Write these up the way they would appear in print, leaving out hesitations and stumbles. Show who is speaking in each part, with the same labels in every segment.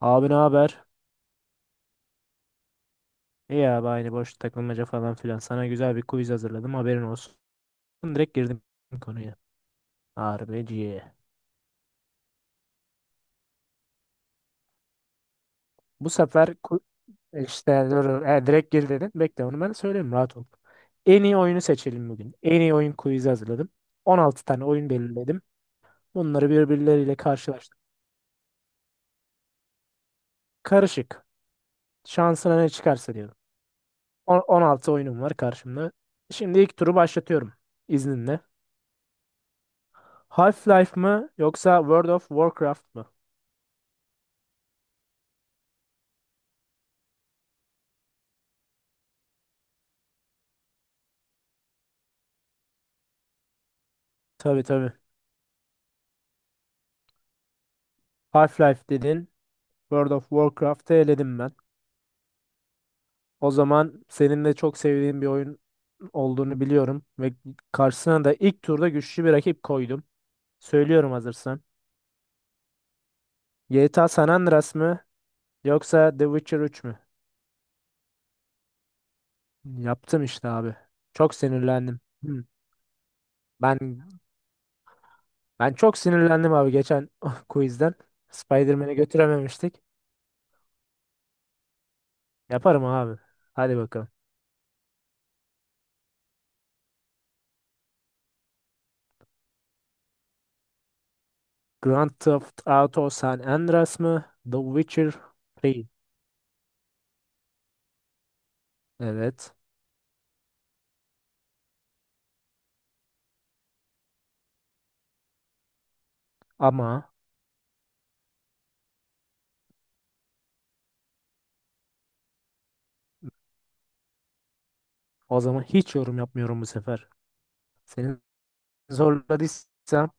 Speaker 1: Abi ne haber? İyi abi aynı boş takılmaca falan filan. Sana güzel bir quiz hazırladım haberin olsun. Direkt girdim konuya. Harbiciye. Bu sefer işte dur, direkt gir dedin. Bekle onu ben söyleyeyim rahat ol. En iyi oyunu seçelim bugün. En iyi oyun quiz'i hazırladım. 16 tane oyun belirledim. Bunları birbirleriyle karşılaştım. Karışık. Şansına ne çıkarsa diyorum. 16 oyunum var karşımda. Şimdi ilk turu başlatıyorum izninle. Half-Life mı yoksa World of Warcraft mı? Tabii tabii. Half-Life dedin. World of Warcraft'ı eledim ben. O zaman senin de çok sevdiğin bir oyun olduğunu biliyorum ve karşısına da ilk turda güçlü bir rakip koydum. Söylüyorum hazırsan. GTA San Andreas mı yoksa The Witcher 3 mü? Yaptım işte abi. Çok sinirlendim. Hmm. Ben ben çok sinirlendim abi geçen quizden. Spider-Man'i götürememiştik. Yaparım abi. Hadi bakalım. Grand Theft Auto San Andreas mı? The Witcher 3. Evet. Ama o zaman hiç yorum yapmıyorum bu sefer. Seni zorladıysam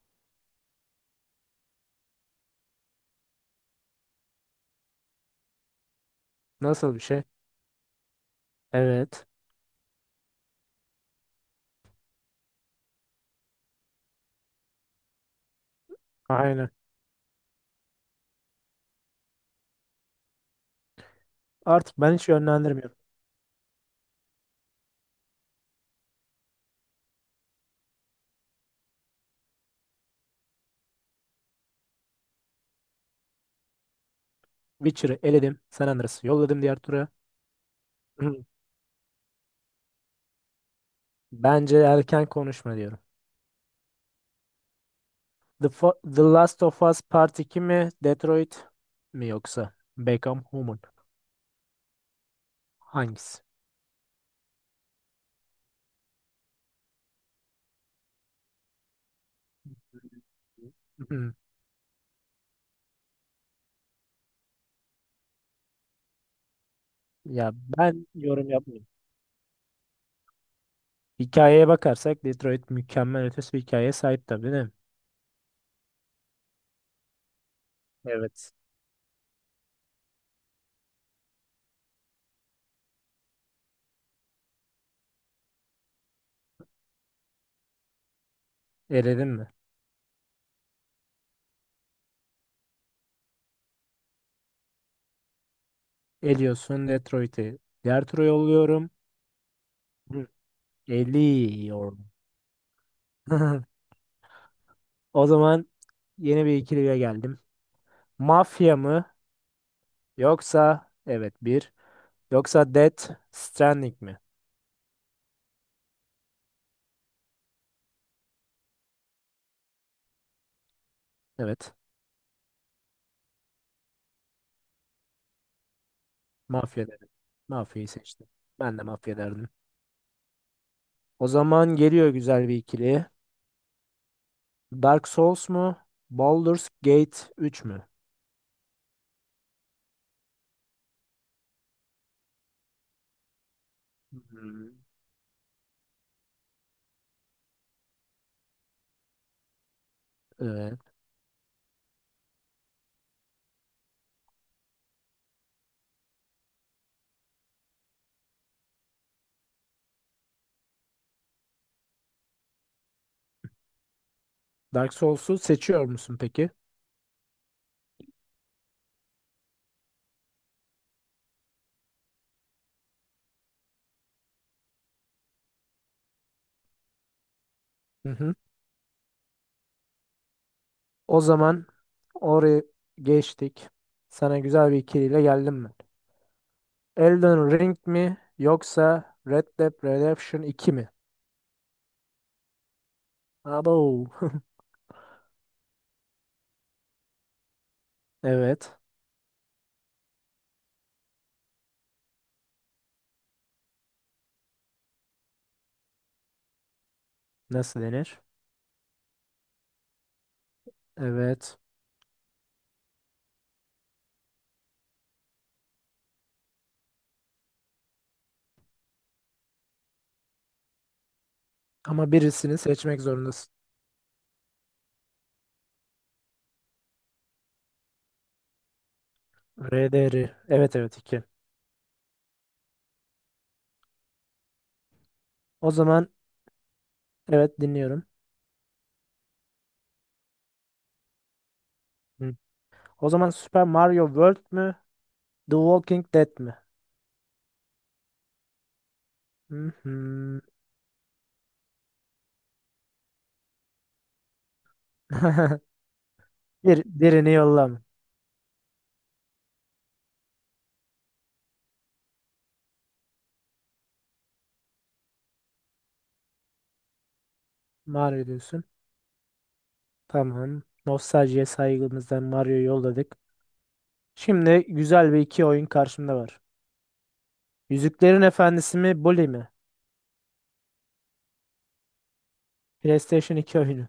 Speaker 1: nasıl bir şey? Evet. Aynen. Artık ben hiç yönlendirmiyorum. Witcher'ı eledim. San Andreas'ı yolladım diğer tura. Hı. Bence erken konuşma diyorum. The Last of Us Part 2 mi? Detroit mi yoksa? Become Human. Hangisi? Hı. Ya ben yorum yapmıyorum. Hikayeye bakarsak Detroit mükemmel ötesi bir hikayeye sahip tabii değil mi? Evet. Eledim mi? Ediyorsun Detroit'i. Diğer tura yolluyorum. Hı. Eliyorum. O zaman yeni bir ikiliye geldim. Mafya mı? Yoksa evet bir. Yoksa Death Stranding mi? Evet. Mafya dedim. Mafyayı seçtim. Ben de mafya derdim. O zaman geliyor güzel bir ikili. Dark Souls mu? Baldur's Gate 3 mü? Hı. Evet. Dark Souls'u seçiyor musun peki? Hı hı. O zaman oraya geçtik. Sana güzel bir ikiliyle geldim ben. Elden Ring mi yoksa Red Dead Redemption 2 mi? Abo. Evet. Nasıl denir? Evet. Ama birisini seçmek zorundasın. RDR. Evet evet 2. O zaman evet dinliyorum. Hı. O zaman Super Mario World mü? The Walking Dead mi? Hı hı. Birini yollam. Mario diyorsun. Tamam. Nostaljiye saygımızdan Mario'yu yolladık. Şimdi güzel bir iki oyun karşımda var. Yüzüklerin Efendisi mi? Bully mi? PlayStation 2 oyunu.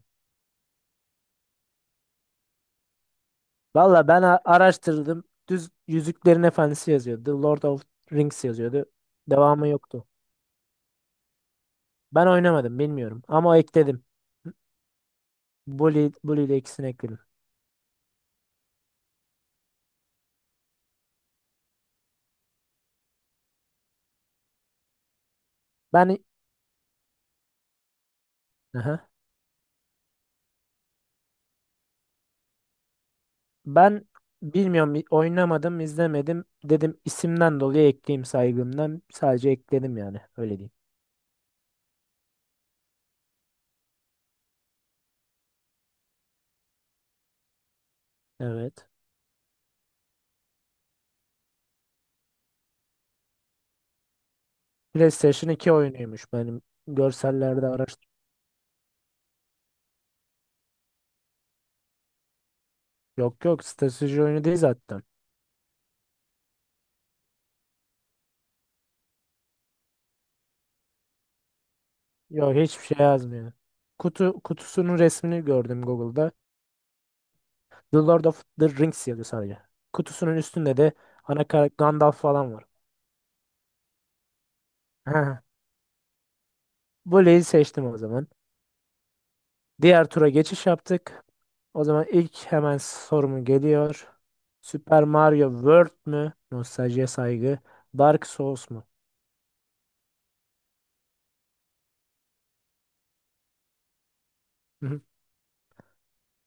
Speaker 1: Valla ben araştırdım. Düz Yüzüklerin Efendisi yazıyordu. The Lord of Rings yazıyordu. Devamı yoktu. Ben oynamadım bilmiyorum ama ekledim. Bully ile ikisini ekledim. Ben Aha. Ben bilmiyorum, oynamadım, izlemedim, dedim isimden dolayı ekleyeyim, saygımdan sadece ekledim, yani öyle diyeyim. Evet. PlayStation iki oyunuymuş benim görsellerde araştır. Yok yok strateji oyunu değil zaten. Yok hiçbir şey yazmıyor. Kutusunun resmini gördüm Google'da. The Lord of the Rings yazıyor sadece. Kutusunun üstünde de ana karakter Gandalf falan var. Bully'yi seçtim o zaman. Diğer tura geçiş yaptık. O zaman ilk hemen sorumu geliyor. Super Mario World mü? Nostaljiye saygı. Dark Souls mu? Hı hı.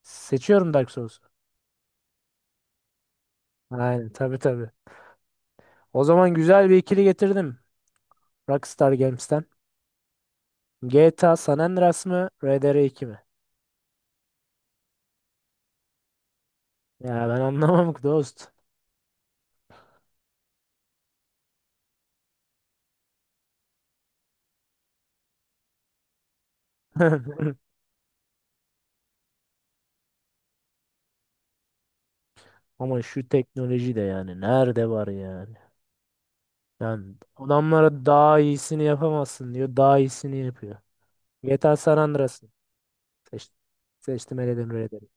Speaker 1: Seçiyorum Dark Souls'u. Aynen tabii tabii. O zaman güzel bir ikili getirdim. Rockstar Games'ten. GTA San Andreas mı? RDR2 mi? Ya ben anlamam ki dost. Ama şu teknoloji de yani nerede var yani? Yani adamlara daha iyisini yapamazsın diyor. Daha iyisini yapıyor. GTA San Andreas. Seç, seçtim eledim eledim.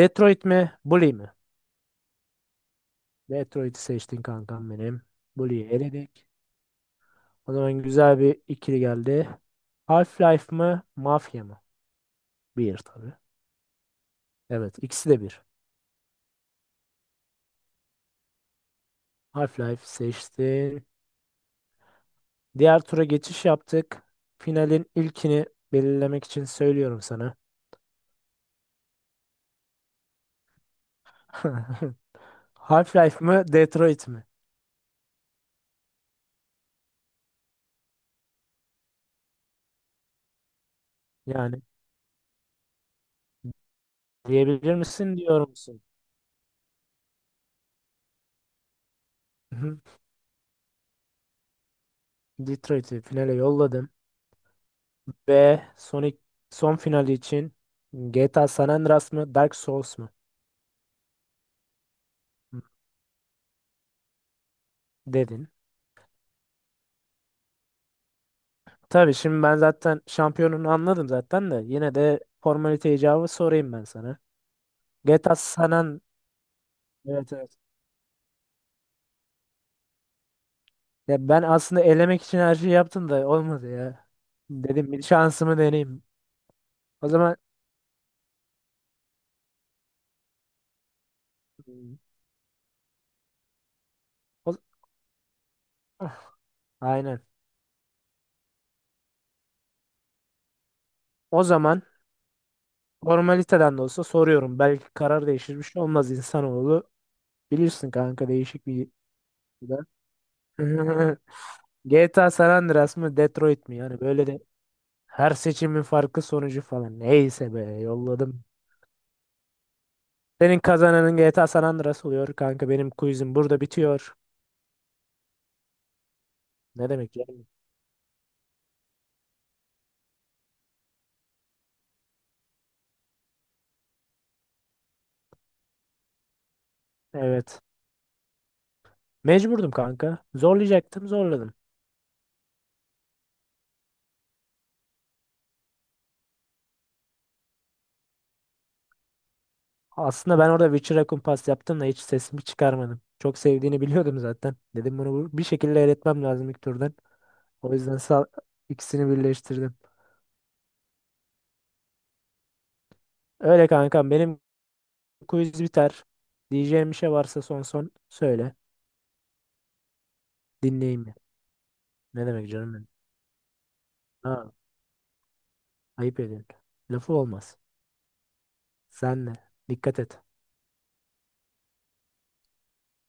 Speaker 1: Detroit mi? Bully mi? Detroit'i seçtin kankam benim. Bully'yi eledik. O zaman güzel bir ikili geldi. Half-Life mı? Mafya mı? Bir tabii. Evet ikisi de bir. Half-Life seçtin. Diğer tura geçiş yaptık. Finalin ilkini belirlemek için söylüyorum sana. Half-Life mı? Detroit mi? Yani diyebilir misin diyor musun? Hı hı. Detroit'i finale yolladım. Ve Sonic son finali için GTA San Andreas mı Dark Souls mu? Hı, dedin. Tabii şimdi ben zaten şampiyonunu anladım zaten de yine de formalite icabı sorayım ben sana. GTA San An- Evet evet. Ya ben aslında elemek için her şeyi yaptım da olmadı ya. Dedim bir şansımı deneyeyim. O zaman o- Ah, aynen. O zaman formaliteden de olsa soruyorum. Belki karar değişir bir şey olmaz insanoğlu. Bilirsin kanka değişik bir GTA San Andreas mı Detroit mi? Yani böyle de her seçimin farkı sonucu falan. Neyse be yolladım. Senin kazananın GTA San Andreas oluyor kanka. Benim quizim burada bitiyor. Ne demek yani? Evet. Mecburdum kanka. Zorlayacaktım zorladım. Aslında ben orada Witcher'a kumpas yaptım da hiç sesimi çıkarmadım. Çok sevdiğini biliyordum zaten. Dedim bunu bir şekilde eletmem lazım ilk turdan. O yüzden ikisini birleştirdim. Öyle kankam benim quiz biter. Diyeceğim bir şey varsa son son söyle. Dinleyeyim. Ne demek canım benim? Ha, ayıp ediyorsun. Lafı olmaz. Sen de. Dikkat et.